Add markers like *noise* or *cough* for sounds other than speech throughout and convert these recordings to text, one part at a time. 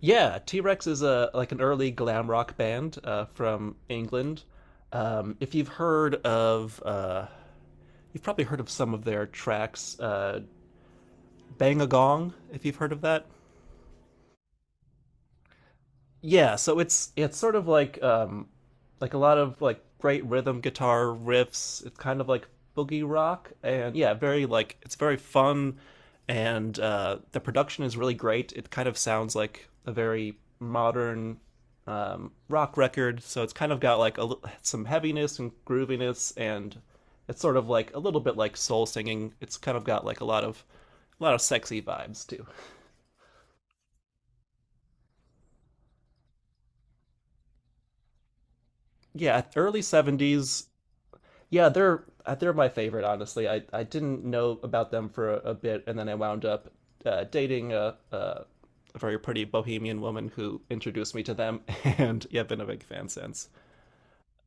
Yeah, T Rex is a like an early glam rock band from England. If you've heard of, you've probably heard of some of their tracks, Bang a Gong. If you've heard of that, yeah, so it's sort of like a lot of like great rhythm guitar riffs. It's kind of like boogie rock and yeah, very like it's very fun, and the production is really great. It kind of sounds like a very modern rock record, so it's kind of got like a some heaviness and grooviness, and it's sort of like a little bit like soul singing. It's kind of got like a lot of sexy vibes too. Yeah, early '70s. Yeah, they're my favorite, honestly. I didn't know about them for a bit, and then I wound up dating a very pretty bohemian woman who introduced me to them, *laughs* and yeah, been a big fan since.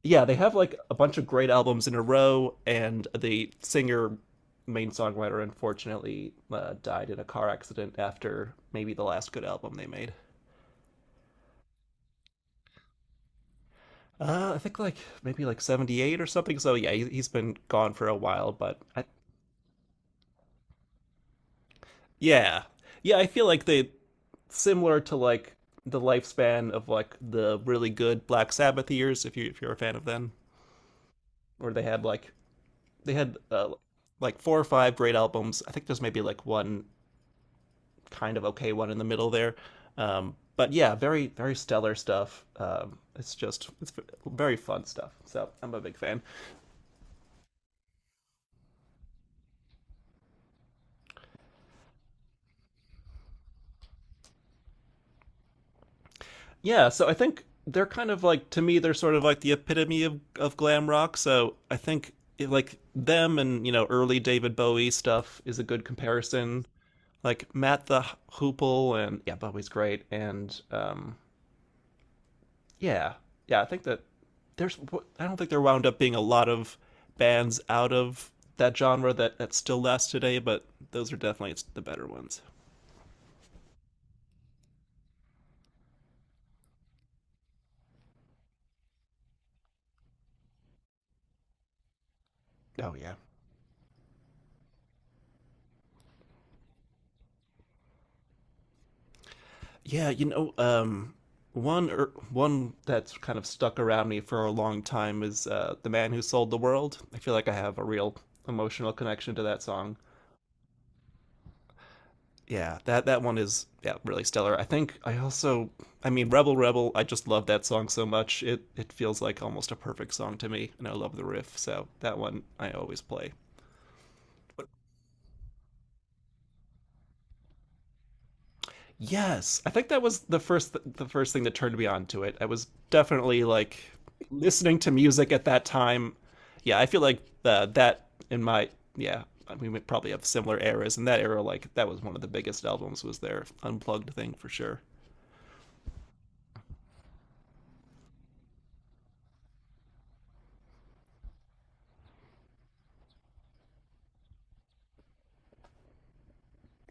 Yeah, they have like a bunch of great albums in a row, and the singer, main songwriter, unfortunately died in a car accident after maybe the last good album they made. I think like maybe like '78 or something. So yeah, he's been gone for a while, but yeah. Yeah, I feel like they similar to like the lifespan of like the really good Black Sabbath years, if you're a fan of them, where they had like four or five great albums. I think there's maybe like one kind of okay one in the middle there. But yeah, very very stellar stuff. It's just it's very fun stuff. So I'm a big fan. Yeah, so I think they're kind of like to me they're sort of like the epitome of glam rock. So I think it, like them and early David Bowie stuff is a good comparison. Like Matt the Hoople, and yeah, Bobby's great, and yeah, yeah, I think that there's I don't think there wound up being a lot of bands out of that genre that still lasts today, but those are definitely the better ones. Oh yeah, yeah. You know, one that's kind of stuck around me for a long time is "The Man Who Sold the World." I feel like I have a real emotional connection to that song. Yeah, that one is yeah really stellar. I think I also, I mean, Rebel Rebel. I just love that song so much. It feels like almost a perfect song to me, and I love the riff. So that one I always play. Yes, I think that was the first thing that turned me on to it. I was definitely like listening to music at that time. Yeah, I feel like that in my yeah. We probably have similar eras. In that era, like that was one of the biggest albums was their unplugged thing for sure.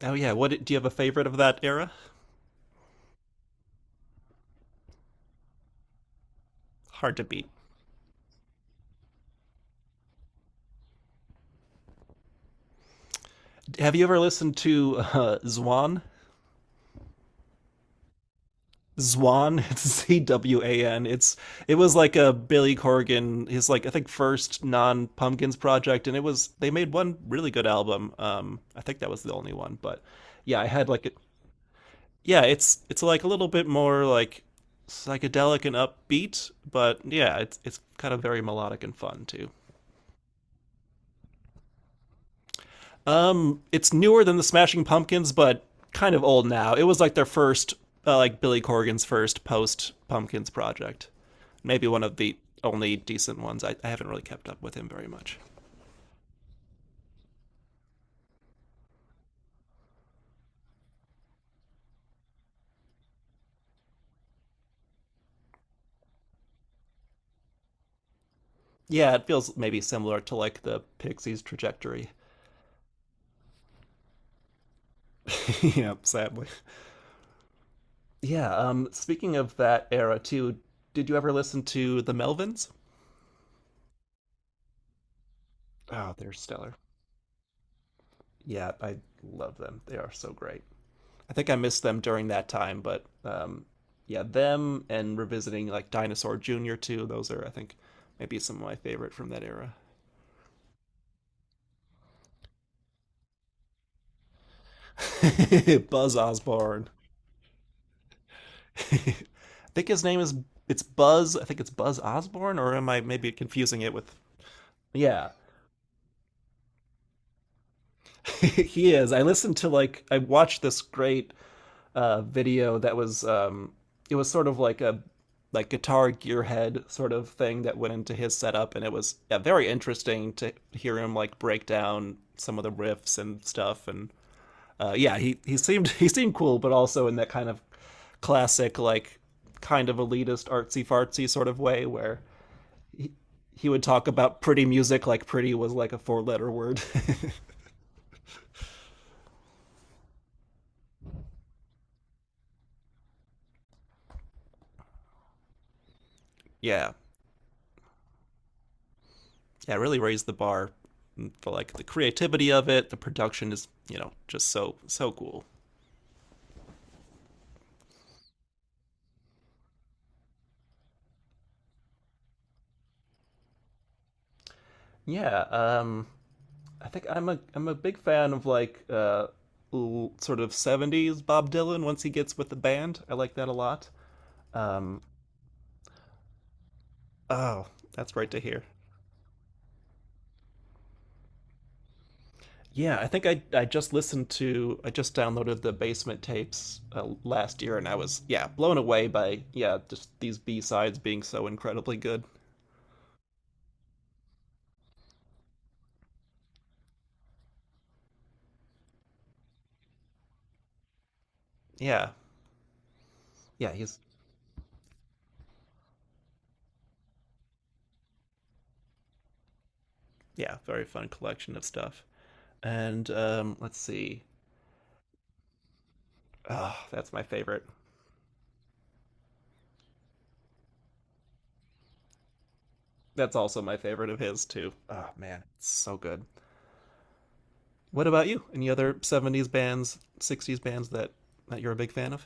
Oh yeah, what do you have a favorite of that era? Hard to beat. Have you ever listened to Zwan? Zwan, *laughs* it's Zwan. It was like a Billy Corgan, his like I think first non Pumpkins project, and it was they made one really good album. I think that was the only one, but yeah, I had like a, yeah, it's like a little bit more like psychedelic and upbeat, but yeah, it's kind of very melodic and fun too. It's newer than the Smashing Pumpkins, but kind of old now. It was like their first, like Billy Corgan's first post Pumpkins project. Maybe one of the only decent ones. I haven't really kept up with him very much. Yeah, it feels maybe similar to like the Pixies trajectory. *laughs* Yeah, sadly. Yeah. Speaking of that era too, did you ever listen to the Melvins? Oh, they're stellar. Yeah, I love them. They are so great. I think I missed them during that time, but yeah, them and revisiting like Dinosaur Jr. too. Those are, I think, maybe some of my favorite from that era. *laughs* Buzz Osborne. *laughs* I think his name is it's Buzz. I think it's Buzz Osborne, or am I maybe confusing it with? Yeah, *laughs* he is. I listened to like I watched this great video that was it was sort of like a like guitar gearhead sort of thing that went into his setup, and it was yeah, very interesting to hear him like break down some of the riffs and stuff. And yeah, he seemed *laughs* he seemed cool, but also in that kind of classic, like, kind of elitist artsy fartsy sort of way where he would talk about pretty music like pretty was like a four letter word. *laughs* Yeah. Yeah, really raised the bar for like the creativity of it. The production is, just so cool. Yeah, I think I'm a big fan of like sort of '70s Bob Dylan. Once he gets with the band, I like that a lot. Um, oh, that's great to hear. Yeah, I think I just listened to I just downloaded the Basement tapes last year, and I was yeah blown away by yeah just these B sides being so incredibly good. Yeah, yeah, he's yeah, very fun collection of stuff. And let's see. Oh, that's my favorite. That's also my favorite of his too. Oh man, it's so good. What about you? Any other '70s bands, '60s bands that you're a big fan of?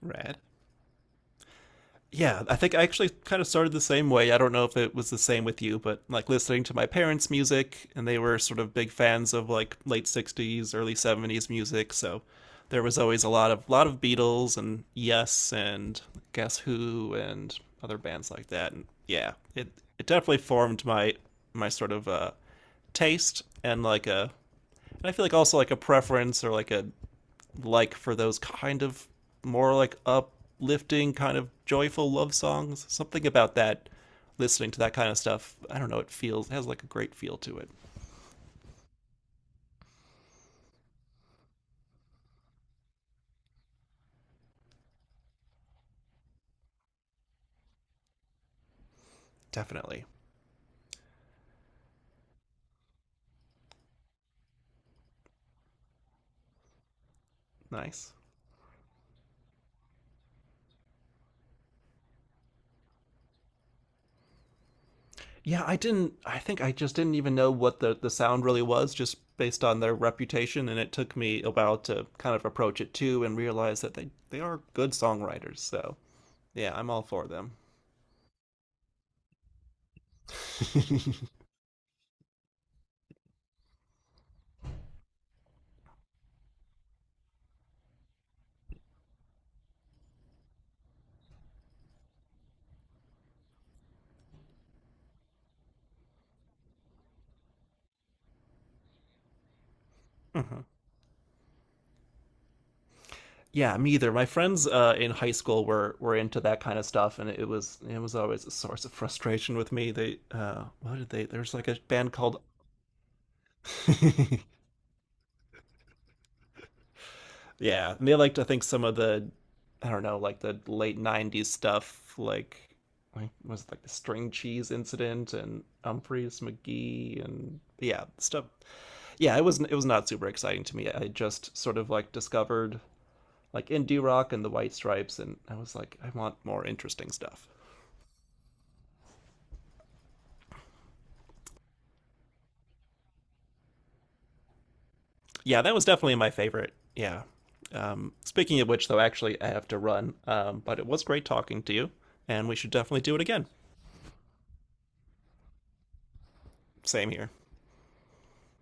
Rad. Yeah, I think I actually kind of started the same way. I don't know if it was the same with you, but like listening to my parents' music, and they were sort of big fans of like late '60s, early '70s music. So there was always a lot of Beatles and Yes and Guess Who and other bands like that. And yeah, it definitely formed my sort of taste, and like a and I feel like also like a preference or like a like for those kind of more like uplifting, kind of joyful love songs. Something about that, listening to that kind of stuff. I don't know. It feels it has like a great feel to it. Definitely. Nice. Yeah, I didn't. I think I just didn't even know what the sound really was, just based on their reputation, and it took me a while to kind of approach it too and realize that they are good songwriters. So yeah, I'm all for them. *laughs* Mhm. Yeah, me either. My friends in high school were into that kind of stuff, and it was always a source of frustration with me. They what did they? There's like a band called *laughs* yeah, and they liked I think some of the I don't know like the late '90s stuff, like was it like the string cheese incident and Humphreys McGee and yeah stuff. Yeah, it was not super exciting to me. I just sort of like discovered like indie rock and the White Stripes, and I was like, I want more interesting stuff. Yeah, that was definitely my favorite. Yeah. Speaking of which, though, actually, I have to run. But it was great talking to you, and we should definitely do it again. Same here.